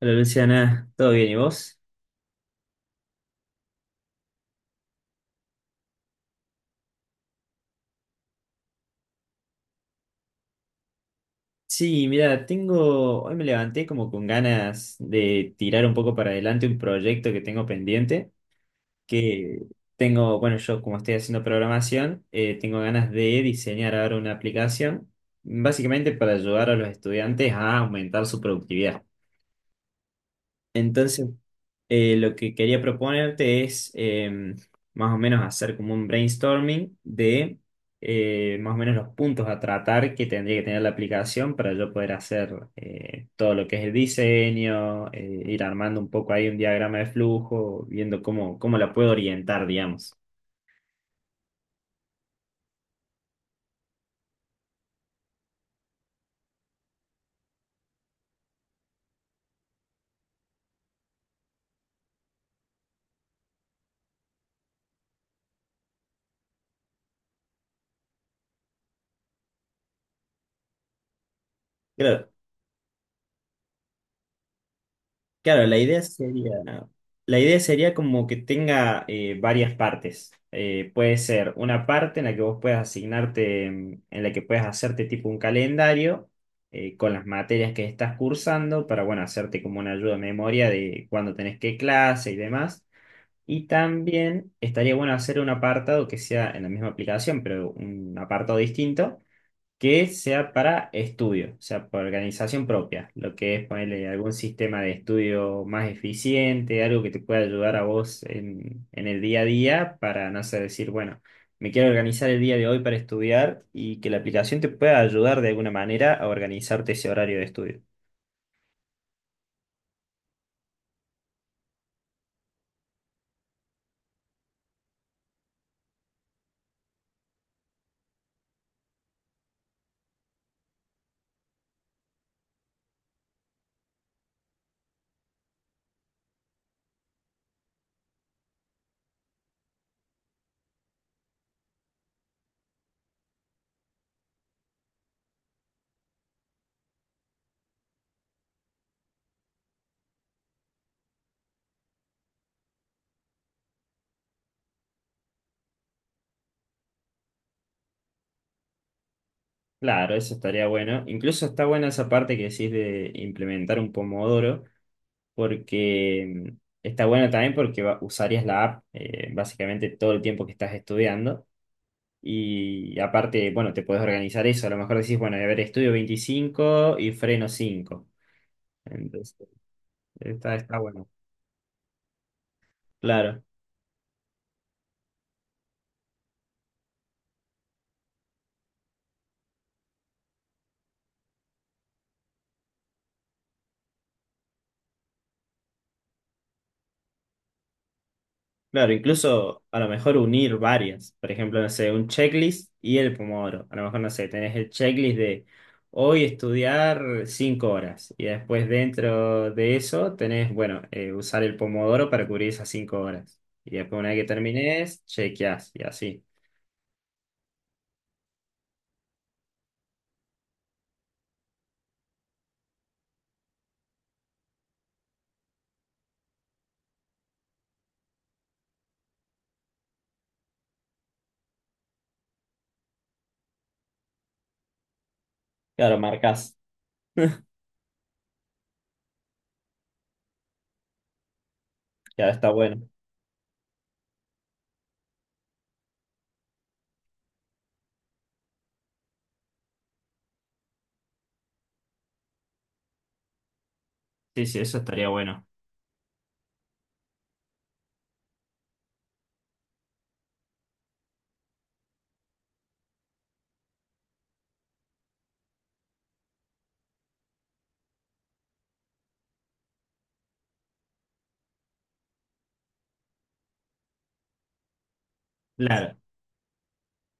Hola Luciana, ¿todo bien y vos? Sí, mira, tengo, hoy me levanté como con ganas de tirar un poco para adelante un proyecto que tengo pendiente, que tengo, bueno, yo como estoy haciendo programación, tengo ganas de diseñar ahora una aplicación, básicamente para ayudar a los estudiantes a aumentar su productividad. Entonces, lo que quería proponerte es más o menos hacer como un brainstorming de más o menos los puntos a tratar que tendría que tener la aplicación para yo poder hacer todo lo que es el diseño, ir armando un poco ahí un diagrama de flujo, viendo cómo la puedo orientar, digamos. Creo, claro, la idea sería como que tenga varias partes. Puede ser una parte en la que vos puedas asignarte, mm, en la que puedas hacerte tipo un calendario con las materias que estás cursando para, bueno, hacerte como una ayuda de memoria de cuándo tenés qué clase y demás. Y también estaría bueno hacer un apartado que sea en la misma aplicación, pero un apartado distinto que sea para estudio, o sea, para organización propia, lo que es ponerle algún sistema de estudio más eficiente, algo que te pueda ayudar a vos en el día a día para, no sé, decir, bueno, me quiero organizar el día de hoy para estudiar y que la aplicación te pueda ayudar de alguna manera a organizarte ese horario de estudio. Claro, eso estaría bueno. Incluso está buena esa parte que decís de implementar un pomodoro, porque mm, está bueno también porque usarías la app básicamente todo el tiempo que estás estudiando. Y aparte, bueno, te puedes organizar eso. A lo mejor decís, bueno, a ver, estudio 25 y freno cinco. Entonces, está bueno. Claro, claro, incluso a lo mejor unir varias. Por ejemplo, no sé, un checklist y el pomodoro. A lo mejor, no sé, tenés el checklist de hoy estudiar 5 horas. Y después dentro de eso tenés, bueno, usar el pomodoro para cubrir esas 5 horas. Y después una vez que termines, chequeás y así. Claro, marcás. Ya está bueno. Sí, sí, eso estaría bueno. Claro.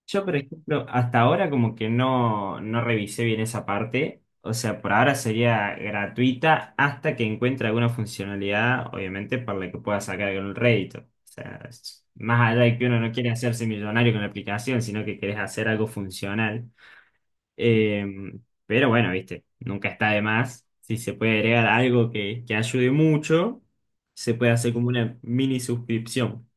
Yo, por ejemplo, hasta ahora como que no, no revisé bien esa parte. O sea, por ahora sería gratuita hasta que encuentre alguna funcionalidad, obviamente, para la que pueda sacar algún rédito. O sea, más allá de que uno no quiere hacerse millonario con la aplicación, sino que querés hacer algo funcional. Eh, pero bueno, viste, nunca está de más. Si se puede agregar algo que ayude mucho, se puede hacer como una mini suscripción.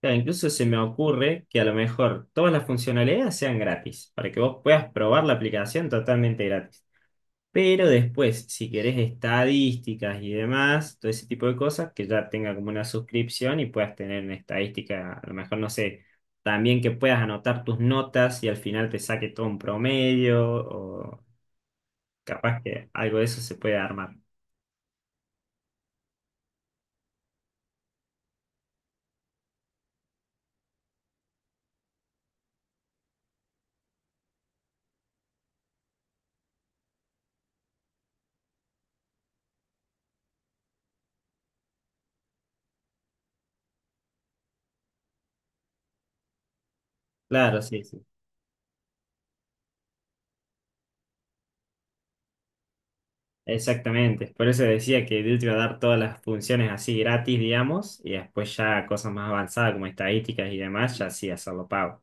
Claro, incluso se me ocurre que a lo mejor todas las funcionalidades sean gratis, para que vos puedas probar la aplicación totalmente gratis. Pero después, si querés estadísticas y demás, todo ese tipo de cosas, que ya tenga como una suscripción y puedas tener una estadística, a lo mejor, no sé, también que puedas anotar tus notas y al final te saque todo un promedio, o capaz que algo de eso se puede armar. Claro, sí, sí. Exactamente, por eso decía que Duty va a dar todas las funciones así gratis, digamos, y después ya cosas más avanzadas como estadísticas y demás, ya sí hacerlo pago.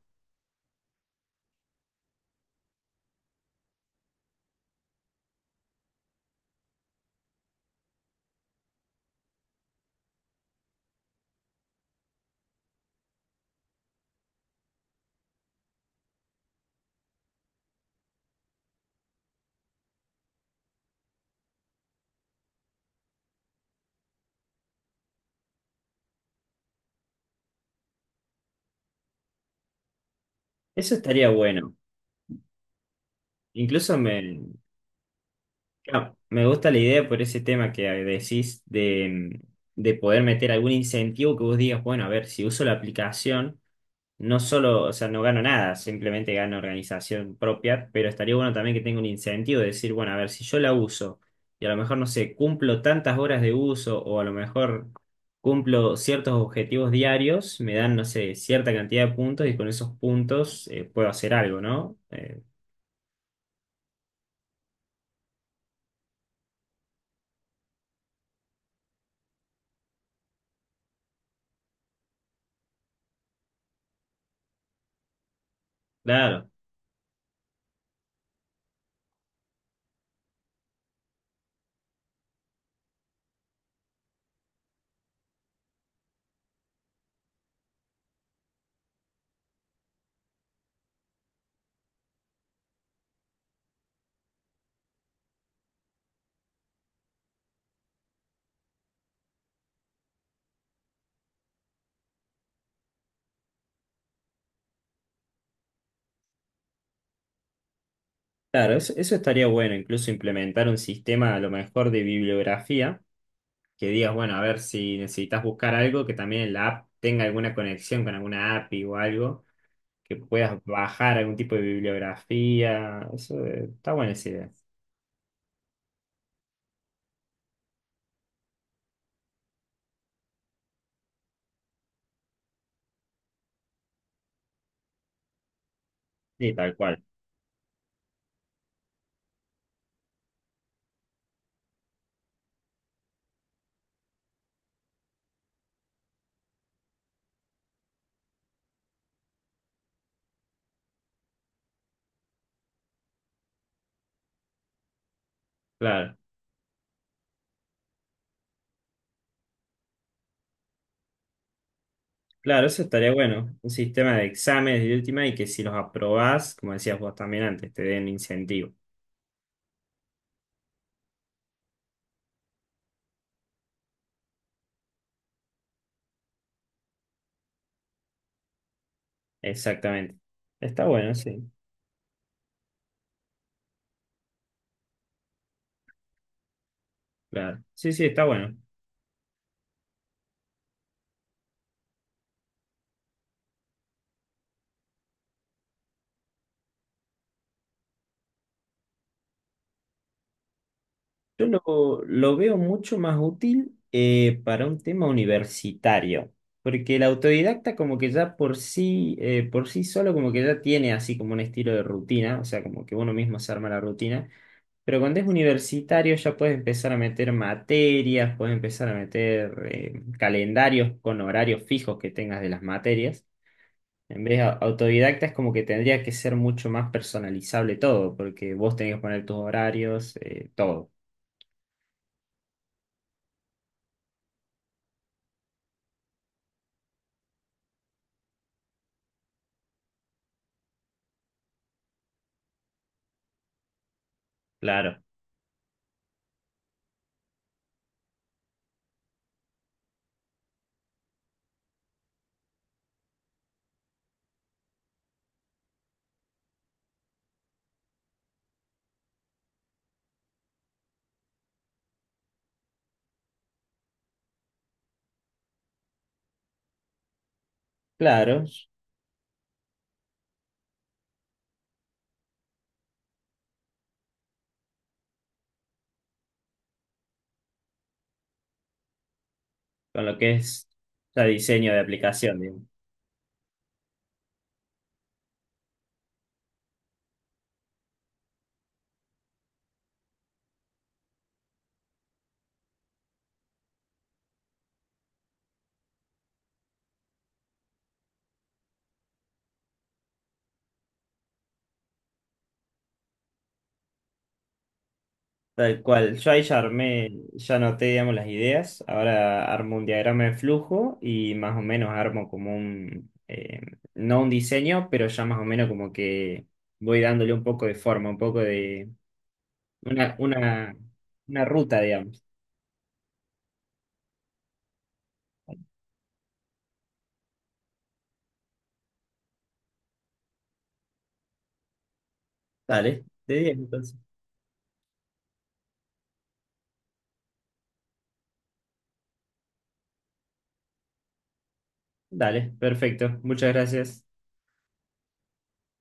Eso estaría bueno. Incluso me, claro, me gusta la idea por ese tema que decís de poder meter algún incentivo que vos digas, bueno, a ver, si uso la aplicación, no solo, o sea, no gano nada, simplemente gano organización propia, pero estaría bueno también que tenga un incentivo de decir, bueno, a ver, si yo la uso y a lo mejor, no sé, cumplo tantas horas de uso o a lo mejor cumplo ciertos objetivos diarios, me dan, no sé, cierta cantidad de puntos y con esos puntos puedo hacer algo, ¿no? Claro. Claro, eso estaría bueno, incluso implementar un sistema a lo mejor de bibliografía, que digas, bueno, a ver si necesitas buscar algo que también en la app tenga alguna conexión con alguna API o algo, que puedas bajar algún tipo de bibliografía. Eso está buena esa idea. Sí, tal cual. Claro, claro, eso estaría bueno. Un sistema de exámenes de última y que si los aprobás, como decías vos también antes, te den incentivo. Exactamente. Está bueno, sí. Claro. Sí, sí, está bueno. Lo veo mucho más útil para un tema universitario, porque el autodidacta como que ya por sí solo como que ya tiene así como un estilo de rutina, o sea, como que uno mismo se arma la rutina, pero cuando es universitario ya puedes empezar a meter materias, puedes empezar a meter calendarios con horarios fijos que tengas de las materias. En vez de autodidacta es como que tendría que ser mucho más personalizable todo, porque vos tenés que poner tus horarios, todo. Claro, Claro, con lo que es ya diseño de aplicación, digamos. Tal cual. Yo ahí ya armé, ya anoté, digamos, las ideas. Ahora armo un diagrama de flujo y más o menos armo como un, no un diseño, pero ya más o menos como que voy dándole un poco de forma, un poco de una, una, una ruta, digamos. Dale, de 10 entonces. Dale, perfecto. Muchas gracias.